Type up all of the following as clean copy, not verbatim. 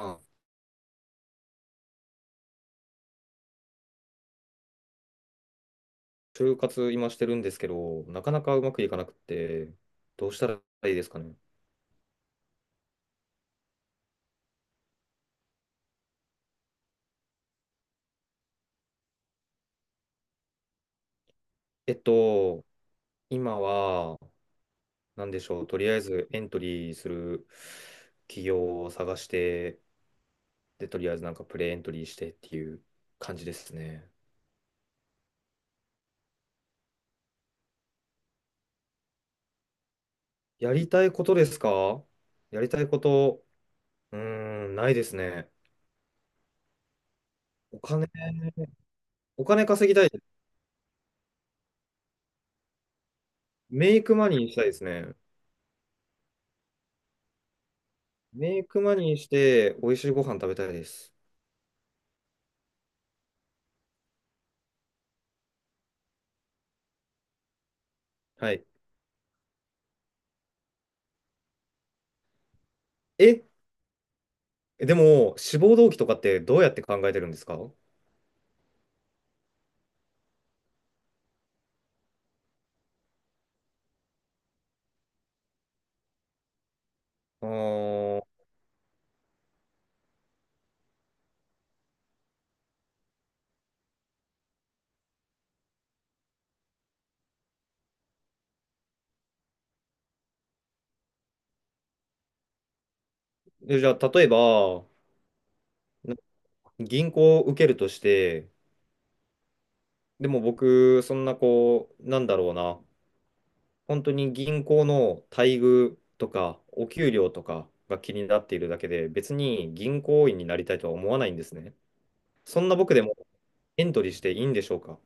あ、就活今してるんですけど、なかなかうまくいかなくて、どうしたらいいですかね？えっと、今は、なんでしょう、とりあえずエントリーする企業を探して、で、とりあえずなんかプレエントリーしてっていう感じですね。やりたいことですか？やりたいこと、うーん、ないですね。お金、お金稼ぎたい。メイクマニーしたいですね。メイクマニーして、美味しいご飯食べたいです。はい。えでも、志望動機とかってどうやって考えてるんですか？ーでじゃあ、例えば、な銀行を受けるとして、でも僕、そんなこう、なんだろうな、本当に銀行の待遇とか、お給料とかが気になっているだけで、別に銀行員になりたいとは思わないんですね。そんな僕でもエントリーしていいんでしょうか？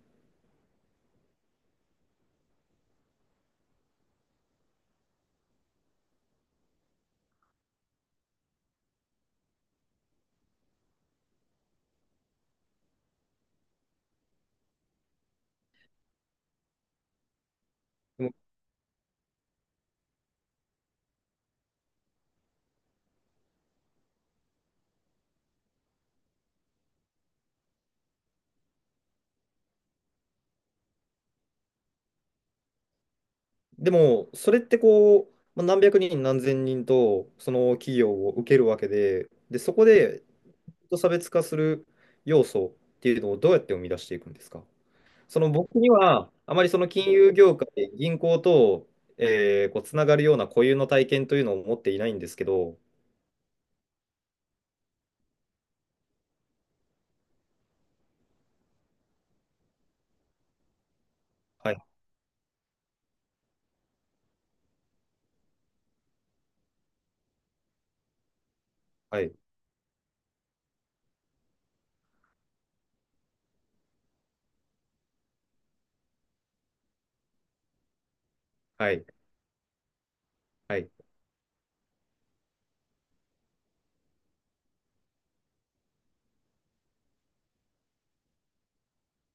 でも、でもそれってこう、まあ何百人何千人とその企業を受けるわけで、で、そこでと差別化する要素っていうのをどうやって生み出していくんですか？その僕には、あまりその金融業界、銀行と、こうつながるような固有の体験というのを持っていないんですけど、はい、はい、はい、はい。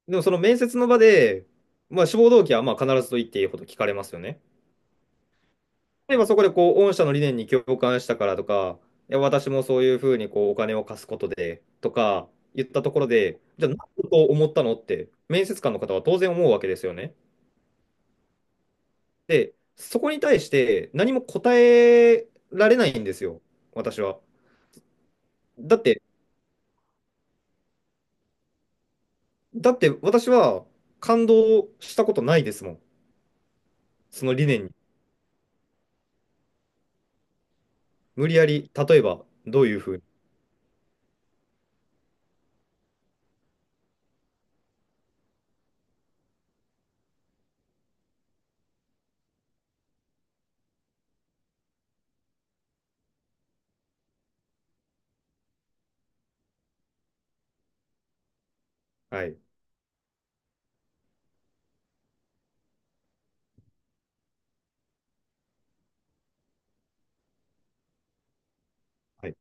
でもその面接の場で、まあ、志望動機はまあ必ずと言っていいほど聞かれますよね。例えばそこでこう、御社の理念に共感したからとか、いや、私もそういうふうにこうお金を貸すことでとか言ったところで、じゃあ、何だと思ったのって、面接官の方は当然思うわけですよね。で、そこに対して何も答えられないんですよ、私は。だって、だって私は感動したことないですもん、その理念に。無理やり、例えば、どういうふうに。はい、はい、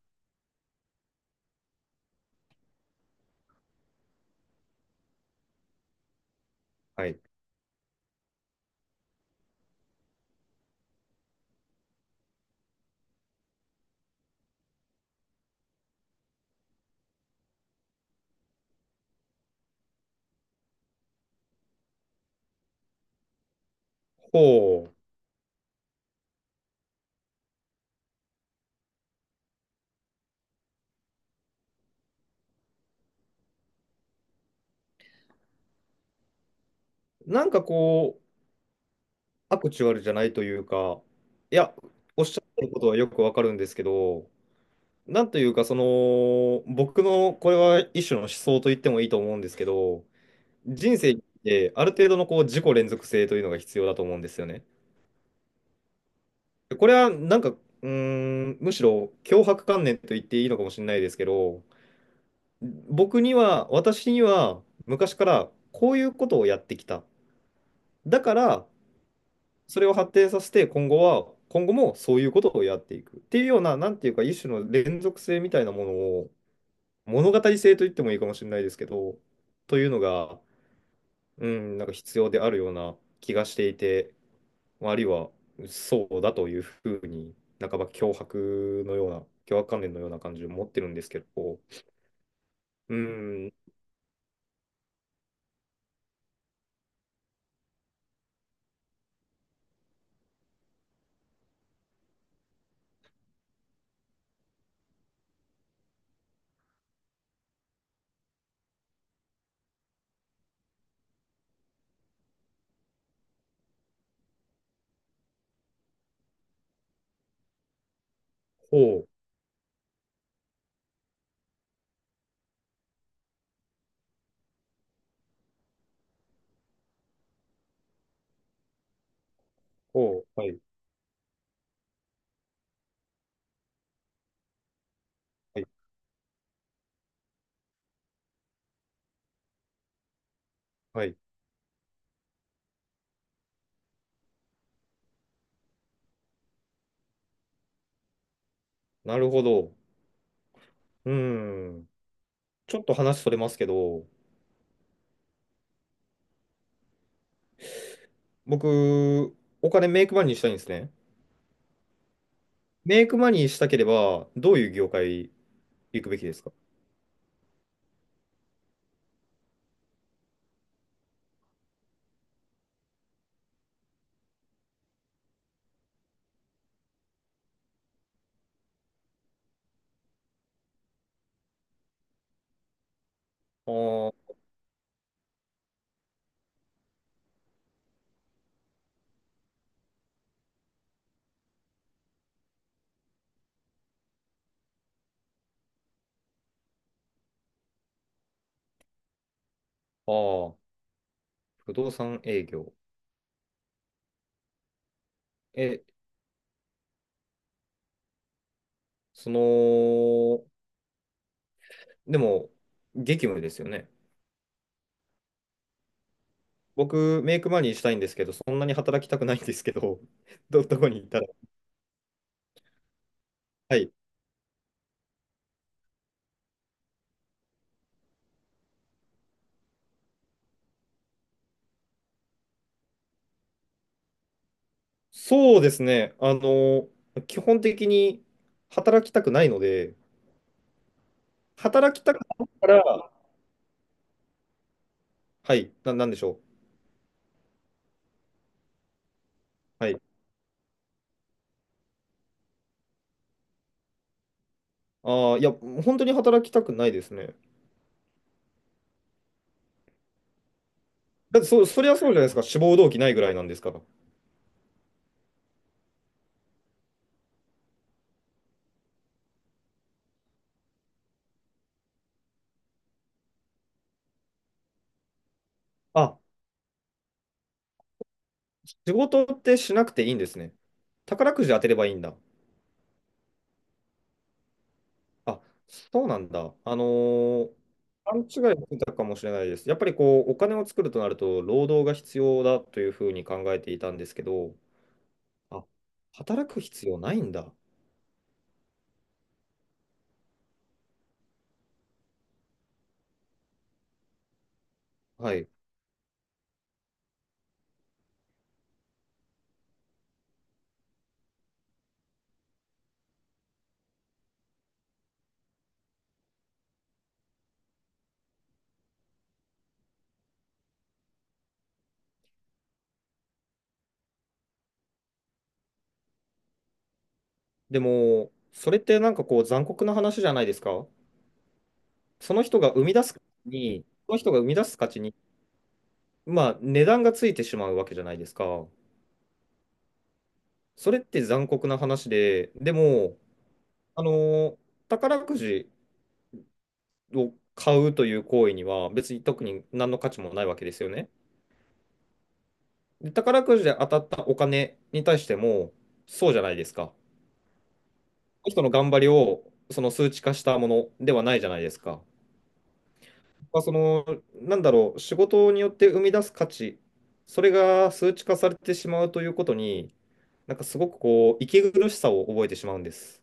はい。ほう。なんかこう、アクチュアルじゃないというか、いや、おっしゃってることはよくわかるんですけど、なんというか、その、僕のこれは一種の思想と言ってもいいと思うんですけど、人生ってある程度のこう自己連続性というのが必要だと思うんですよね。これはなんか、うーん、むしろ強迫観念と言っていいのかもしれないですけど、僕には、私には昔からこういうことをやってきた。だから、それを発展させて今後もそういうことをやっていくっていうような、なんていうか一種の連続性みたいなものを、物語性と言ってもいいかもしれないですけど、というのが、うん、なんか必要であるような気がしていて、まああるいはそうだというふうに、半ば脅迫のような、脅迫観念のような感じを持ってるんですけど、うん、ほう、ほう、はい、はい、はい、なるほど。うん、ちょっと話それますけど、僕、お金メイクマニーしたいんですね。メイクマニーしたければ、どういう業界行くべきですか？あーあー、不動産営業。え、その、でも、激務ですよね。僕、メイクマネーしたいんですけど、そんなに働きたくないんですけど、どこに行ったら。はい。そうですね。基本的に働きたくないので、働きたくないから、はい、なんでしょう。はい。ああ、いや、本当に働きたくないですね。だって、そりゃそうじゃないですか。志望動機ないぐらいなんですから。あ、仕事ってしなくていいんですね。宝くじ当てればいいんだ。あ、そうなんだ。勘違いしてたかもしれないです。やっぱりこう、お金を作るとなると、労働が必要だというふうに考えていたんですけど、あ、働く必要ないんだ。はい。でも、それってなんかこう、残酷な話じゃないですか。その人が生み出す価値に、その人が生み出す価値に、まあ、値段がついてしまうわけじゃないですか。それって残酷な話で、でも、あのー宝くじを買うという行為には別に特に何の価値もないわけですよね。で、宝くじで当たったお金に対してもそうじゃないですか。人の頑張りをその数値化したものではないじゃないですか。まあ、その、なんだろう、仕事によって生み出す価値、それが数値化されてしまうということに、なんかすごくこう、息苦しさを覚えてしまうんです。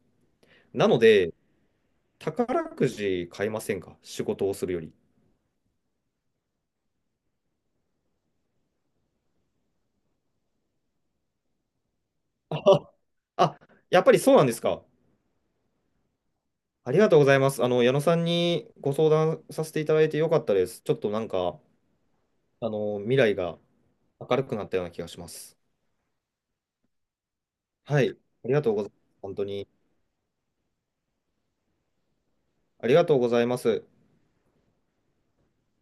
なので、宝くじ買いませんか？仕事をするより。あ、あやっぱりそうなんですか？ありがとうございます。矢野さんにご相談させていただいてよかったです。ちょっとなんか、未来が明るくなったような気がします。はい。ありがとうございます。本当に。ありがとうございます。